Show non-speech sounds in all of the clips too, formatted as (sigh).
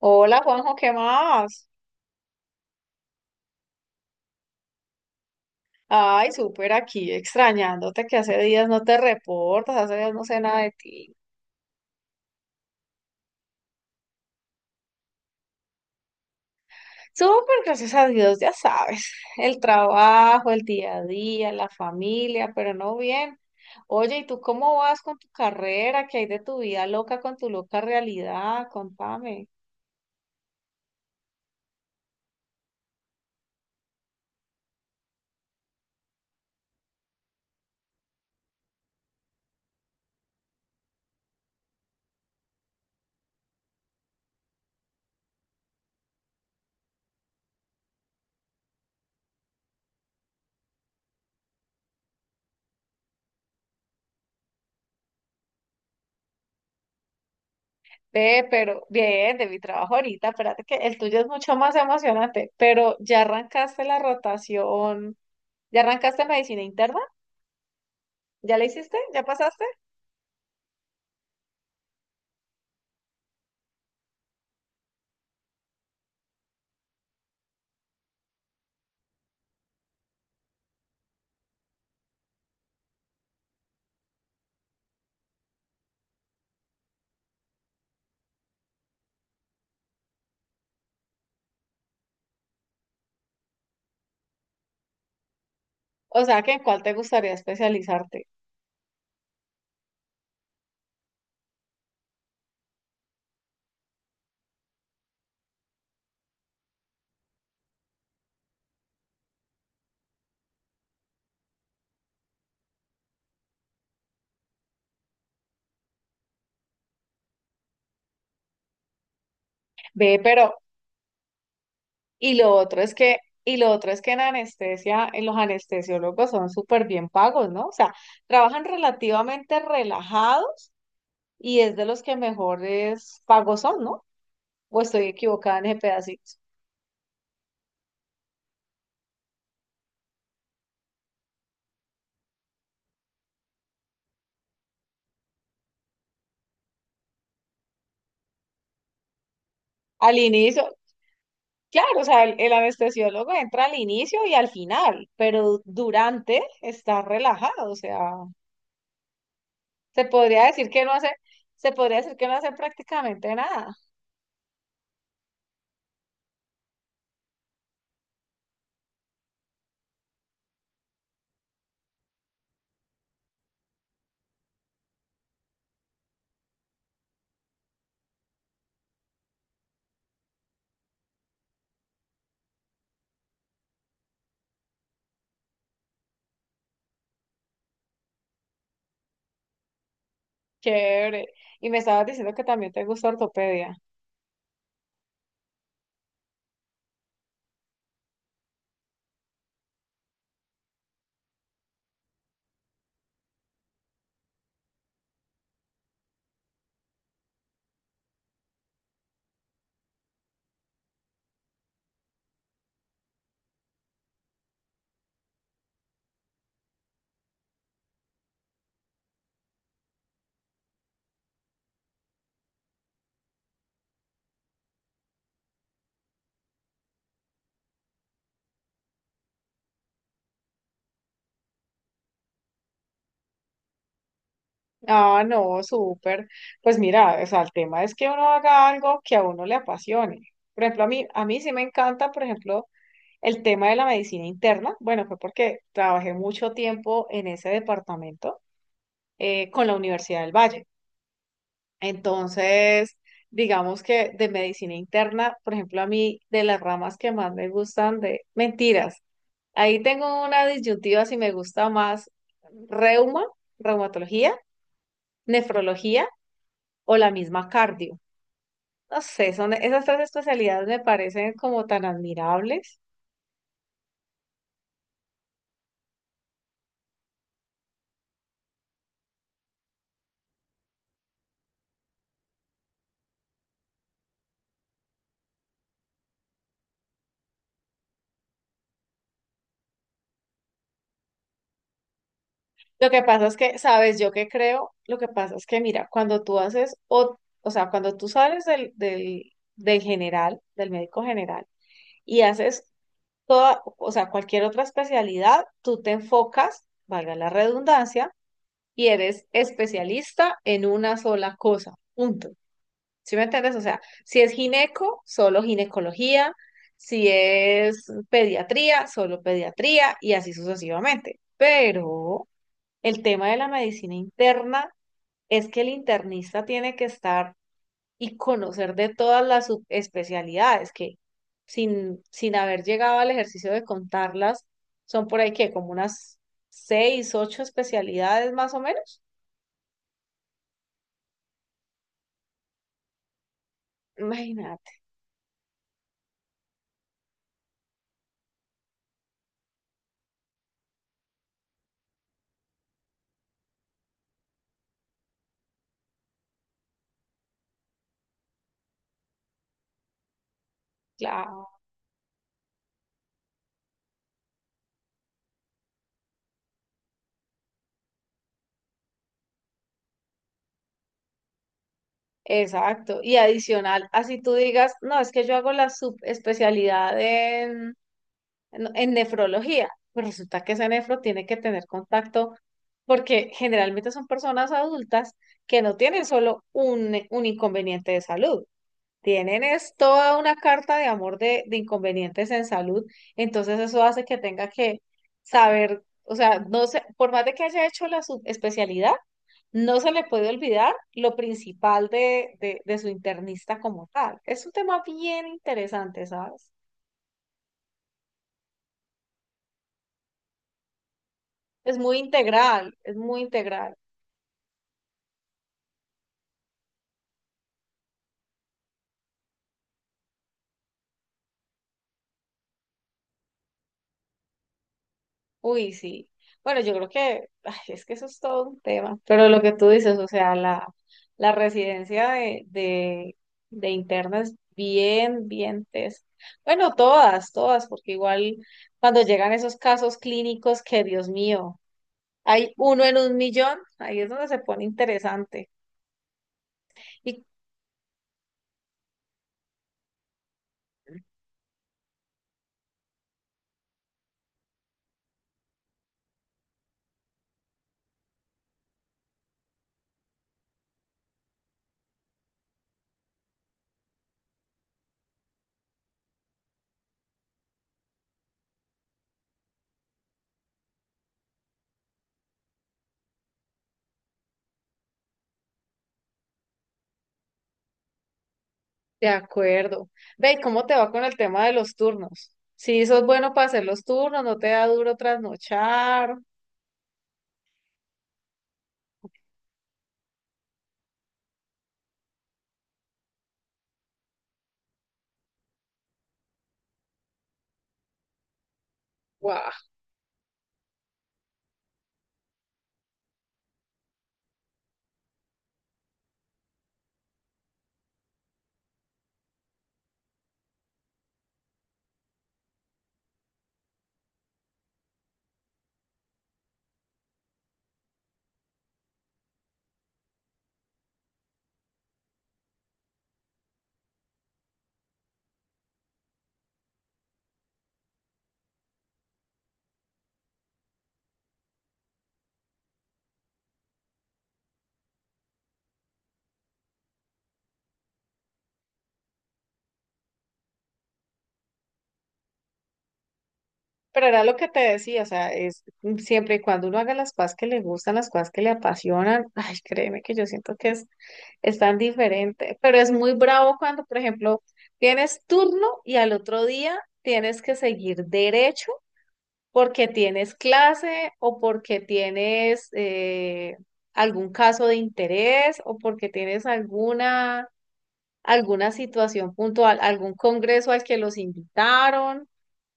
Hola Juanjo, ¿qué más? Ay, súper aquí, extrañándote que hace días no te reportas, hace días no sé nada de ti. Súper, gracias a Dios, ya sabes, el trabajo, el día a día, la familia, pero no bien. Oye, ¿y tú cómo vas con tu carrera? ¿Qué hay de tu vida loca con tu loca realidad? Contame. Ve, pero bien, de mi trabajo ahorita, espérate que el tuyo es mucho más emocionante, pero ¿ya arrancaste la rotación? ¿Ya arrancaste medicina interna? ¿Ya la hiciste? ¿Ya pasaste? O sea, ¿que en cuál te gustaría especializarte? Ve, pero, y lo otro es que, y lo otro es que en anestesia, en los anestesiólogos son súper bien pagos, ¿no? O sea, trabajan relativamente relajados y es de los que mejores pagos son, ¿no? O estoy equivocada en ese pedacito. Al inicio, claro, o sea, el anestesiólogo entra al inicio y al final, pero durante está relajado, o sea, se podría decir que no hace, se podría decir que no hace prácticamente nada. Chévere. Y me estabas diciendo que también te gusta ortopedia. Ah, no, súper. Pues mira, o sea, el tema es que uno haga algo que a uno le apasione. Por ejemplo, a mí sí me encanta, por ejemplo, el tema de la medicina interna. Bueno, fue porque trabajé mucho tiempo en ese departamento con la Universidad del Valle. Entonces, digamos que de medicina interna, por ejemplo, a mí de las ramas que más me gustan de mentiras. Ahí tengo una disyuntiva si me gusta más reuma, reumatología, nefrología o la misma cardio. No sé, son esas tres especialidades me parecen como tan admirables. Lo que pasa es que, sabes, yo que creo, lo que pasa es que, mira, cuando tú haces, o sea, cuando tú sales del general, del médico general, y haces toda, o sea, cualquier otra especialidad, tú te enfocas, valga la redundancia, y eres especialista en una sola cosa, punto. ¿Sí me entiendes? O sea, si es gineco, solo ginecología, si es pediatría, solo pediatría y así sucesivamente. Pero el tema de la medicina interna es que el internista tiene que estar y conocer de todas las subespecialidades que sin haber llegado al ejercicio de contarlas, son por ahí que como unas seis, ocho especialidades más o menos. Imagínate. Claro, exacto. Y adicional, así tú digas, no, es que yo hago la subespecialidad en, en nefrología, pues resulta que ese nefro tiene que tener contacto porque generalmente son personas adultas que no tienen solo un inconveniente de salud. Tienen es toda una carta de amor de inconvenientes en salud, entonces eso hace que tenga que saber, o sea, no sé, por más de que haya hecho la subespecialidad, no se le puede olvidar lo principal de su internista como tal. Es un tema bien interesante, ¿sabes? Es muy integral, es muy integral. Uy, sí. Bueno, yo creo que ay, es que eso es todo un tema, pero lo que tú dices, o sea, la, la residencia de, de, de interna es bien, bien tesa. Bueno, todas, todas, porque igual cuando llegan esos casos clínicos que, Dios mío, hay uno en un millón, ahí es donde se pone interesante. Y de acuerdo. Ve, ¿cómo te va con el tema de los turnos? Si sos bueno para hacer los turnos, no te da duro trasnochar. Pero era lo que te decía, o sea, es siempre y cuando uno haga las cosas que le gustan, las cosas que le apasionan, (laughs) ay, créeme que yo siento que es tan diferente, pero es muy bravo cuando, por ejemplo, tienes turno y al otro día tienes que seguir derecho porque tienes clase o porque tienes algún caso de interés o porque tienes alguna, alguna situación puntual, algún congreso al que los invitaron.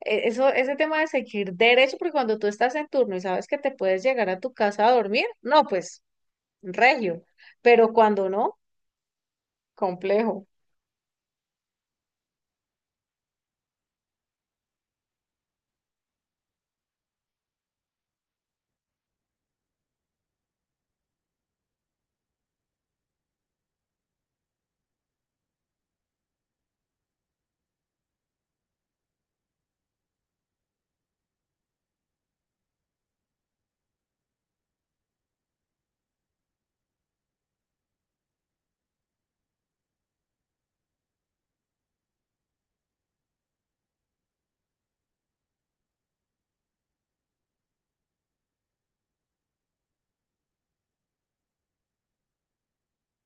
Eso, ese tema de seguir derecho, porque cuando tú estás en turno y sabes que te puedes llegar a tu casa a dormir, no, pues, regio. Pero cuando no, complejo.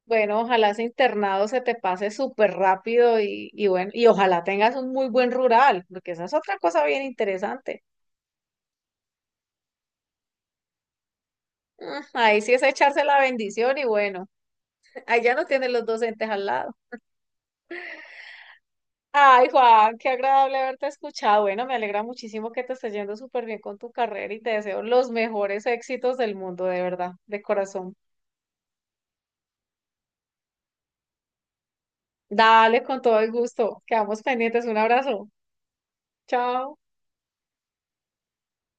Bueno, ojalá ese internado se te pase súper rápido y bueno, y ojalá tengas un muy buen rural, porque esa es otra cosa bien interesante. Mm, ahí sí es echarse la bendición y bueno, (laughs) ahí ya no tienes los docentes al lado. Ay, Juan, qué agradable haberte escuchado. Bueno, me alegra muchísimo que te esté yendo súper bien con tu carrera y te deseo los mejores éxitos del mundo, de verdad, de corazón. Dale con todo el gusto. Quedamos pendientes. Un abrazo. Chao.